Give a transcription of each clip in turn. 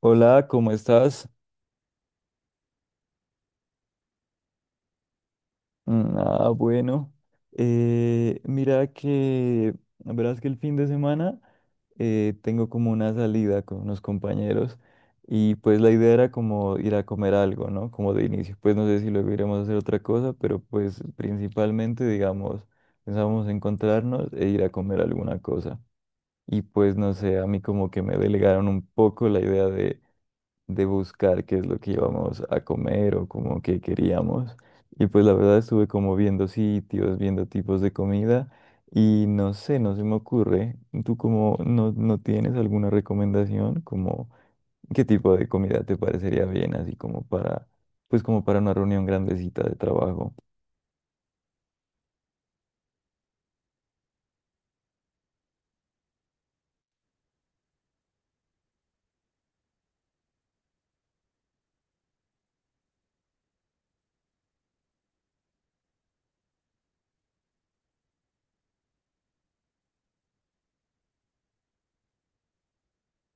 Hola, ¿cómo estás? Bueno. Mira que, verás que el fin de semana tengo como una salida con unos compañeros y pues la idea era como ir a comer algo, ¿no? Como de inicio. Pues no sé si luego iremos a hacer otra cosa, pero pues principalmente, digamos, pensábamos encontrarnos e ir a comer alguna cosa. Y pues no sé, a mí como que me delegaron un poco la idea de buscar qué es lo que íbamos a comer o como que queríamos. Y pues la verdad estuve como viendo sitios, viendo tipos de comida y no sé, no se me ocurre. ¿Tú como no tienes alguna recomendación como qué tipo de comida te parecería bien así como para pues como para una reunión grandecita de trabajo?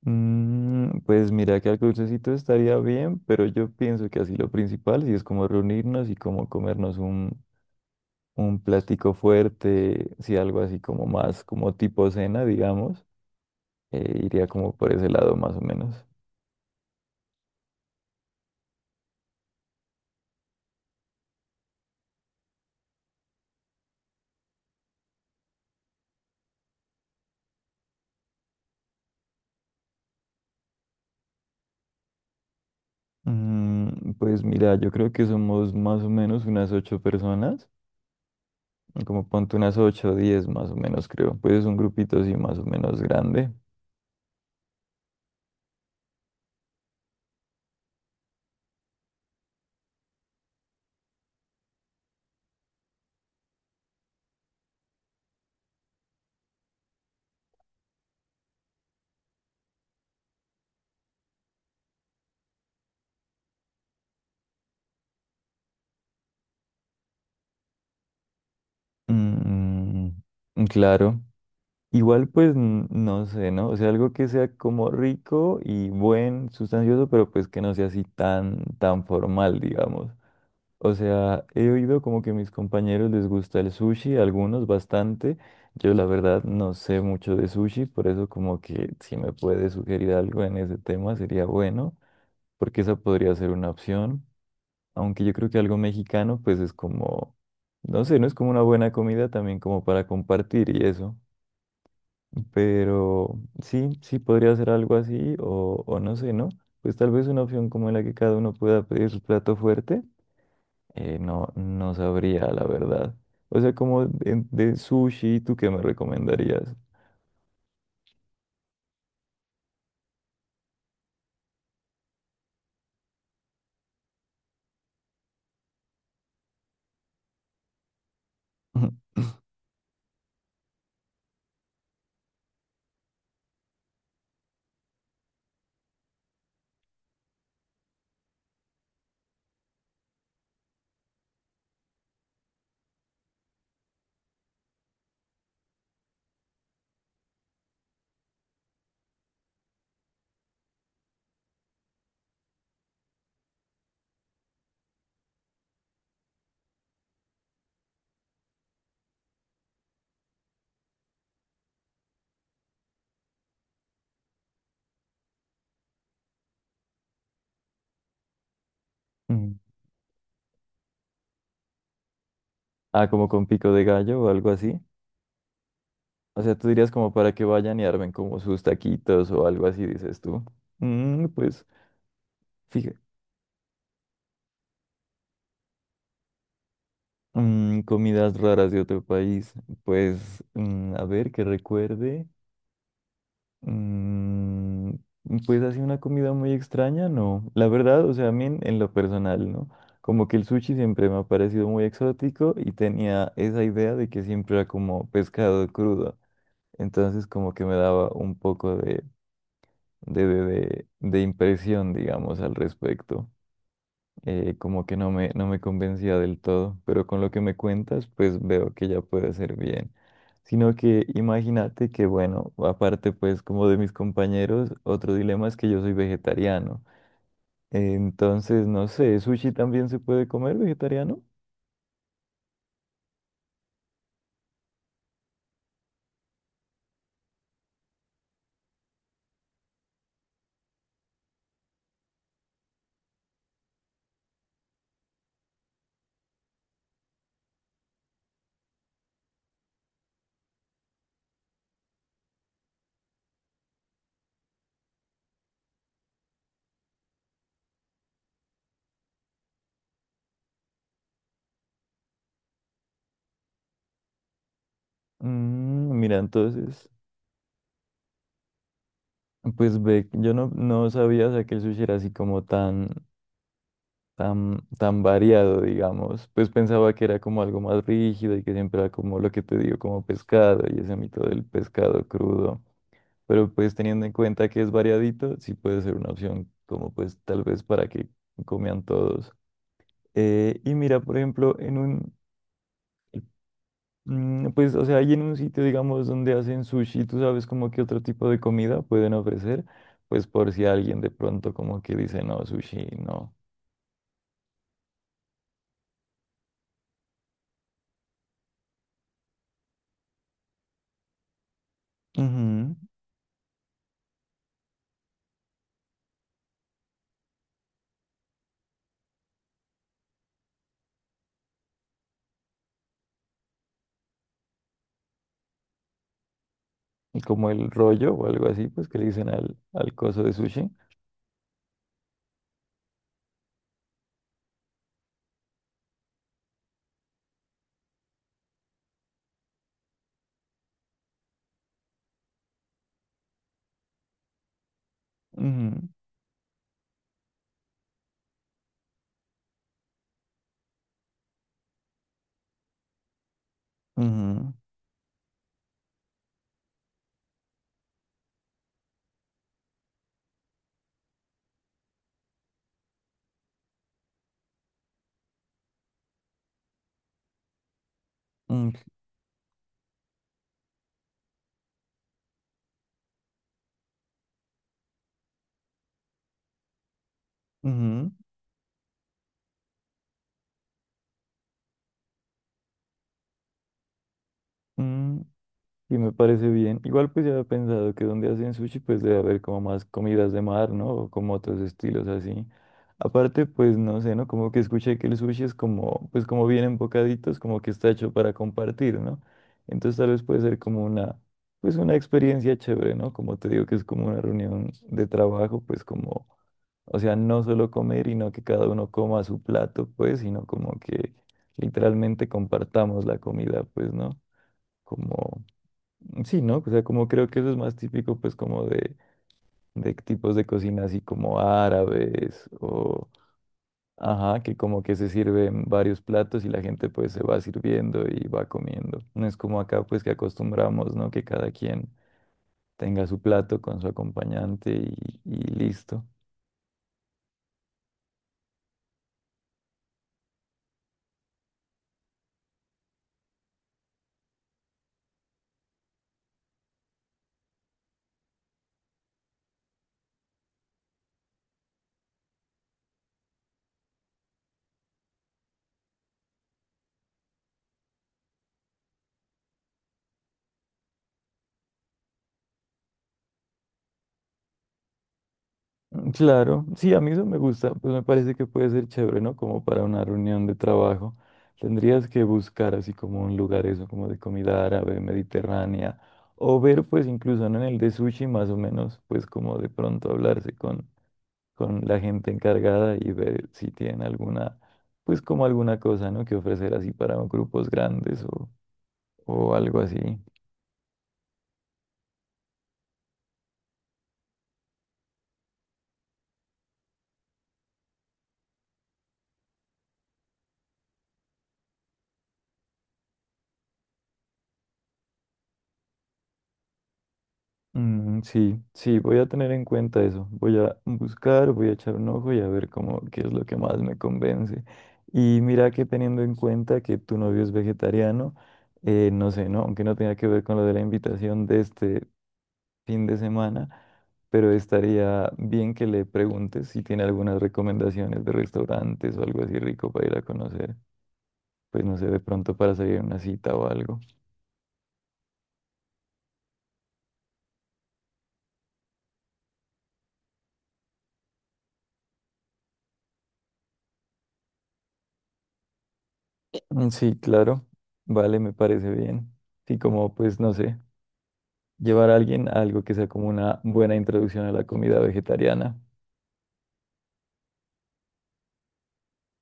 Pues mira que algo dulcecito estaría bien, pero yo pienso que así lo principal sí es como reunirnos y como comernos un plástico fuerte, si algo así como más, como tipo cena, digamos, iría como por ese lado más o menos. Pues mira, yo creo que somos más o menos unas ocho personas, como ponte unas ocho o diez más o menos, creo. Pues es un grupito así más o menos grande. Mm, claro. Igual pues no sé, ¿no? O sea, algo que sea como rico y buen, sustancioso, pero pues que no sea así tan formal, digamos. O sea, he oído como que a mis compañeros les gusta el sushi, a algunos bastante. Yo la verdad no sé mucho de sushi, por eso como que si me puede sugerir algo en ese tema sería bueno, porque esa podría ser una opción. Aunque yo creo que algo mexicano pues es como, no sé, no es como una buena comida también como para compartir y eso. Pero sí, sí podría ser algo así o no sé, ¿no? Pues tal vez una opción como en la que cada uno pueda pedir su plato fuerte no sabría, la verdad. O sea, como de sushi, ¿tú qué me recomendarías? Mm. Ah, como con pico de gallo o algo así. O sea, tú dirías como para que vayan y armen como sus taquitos o algo así, dices tú. Mm, pues, fíjate. Comidas raras de otro país. Pues, a ver, que recuerde. Mm, pues así una comida muy extraña, no. La verdad, o sea, a mí en lo personal, ¿no? Como que el sushi siempre me ha parecido muy exótico y tenía esa idea de que siempre era como pescado crudo. Entonces como que me daba un poco de impresión, digamos, al respecto como que no me convencía del todo, pero con lo que me cuentas, pues veo que ya puede ser bien. Sino que imagínate que, bueno, aparte pues como de mis compañeros, otro dilema es que yo soy vegetariano. Entonces, no sé, ¿sushi también se puede comer vegetariano? Mira, entonces, pues ve, yo no sabía, o sea, que el sushi era así como tan variado, digamos. Pues pensaba que era como algo más rígido y que siempre era como lo que te digo, como pescado y ese mito del pescado crudo. Pero pues teniendo en cuenta que es variadito, sí puede ser una opción como pues tal vez para que coman todos. Y mira, por ejemplo, pues o sea, ahí en un sitio, digamos, donde hacen sushi, tú sabes como qué otro tipo de comida pueden ofrecer, pues por si alguien de pronto como que dice, no, sushi, no. Ujú. Y como el rollo o algo así, pues que le dicen al coso de sushi. Ujú, ujú, mm, ujú, mm. Y me parece bien. Igual pues ya he pensado que donde hacen sushi pues debe haber como más comidas de mar, ¿no? O como otros estilos así. Aparte pues no sé, ¿no? Como que escuché que el sushi es como, pues como vienen bocaditos, como que está hecho para compartir, ¿no? Entonces tal vez puede ser como una, pues una experiencia chévere, ¿no? Como te digo que es como una reunión de trabajo, pues como. O sea, no solo comer y no que cada uno coma su plato, pues, sino como que literalmente compartamos la comida, pues, ¿no? Como, sí, ¿no? O sea, como creo que eso es más típico, pues, como de tipos de cocina así como árabes o, ajá, que como que se sirven varios platos y la gente, pues, se va sirviendo y va comiendo. No es como acá, pues, que acostumbramos, ¿no? Que cada quien tenga su plato con su acompañante y listo. Claro, sí, a mí eso me gusta, pues me parece que puede ser chévere, ¿no? Como para una reunión de trabajo. Tendrías que buscar así como un lugar eso, como de comida árabe, mediterránea, o ver pues incluso ¿no? en el de sushi más o menos, pues como de pronto hablarse con la gente encargada y ver si tienen alguna, pues como alguna cosa, ¿no? Que ofrecer así para grupos grandes o algo así. Sí, sí, voy a tener en cuenta eso. Voy a buscar, voy a echar un ojo y a ver cómo, qué es lo que más me convence. Y mira que teniendo en cuenta que tu novio es vegetariano, no sé, ¿no? Aunque no tenga que ver con lo de la invitación de este fin de semana, pero estaría bien que le preguntes si tiene algunas recomendaciones de restaurantes o algo así rico para ir a conocer. Pues no sé, de pronto para salir a una cita o algo. Sí, claro. Vale, me parece bien. Sí, como pues no sé. Llevar a alguien a algo que sea como una buena introducción a la comida vegetariana.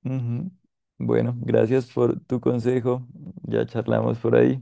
Ujú. Bueno, gracias por tu consejo. Ya charlamos por ahí.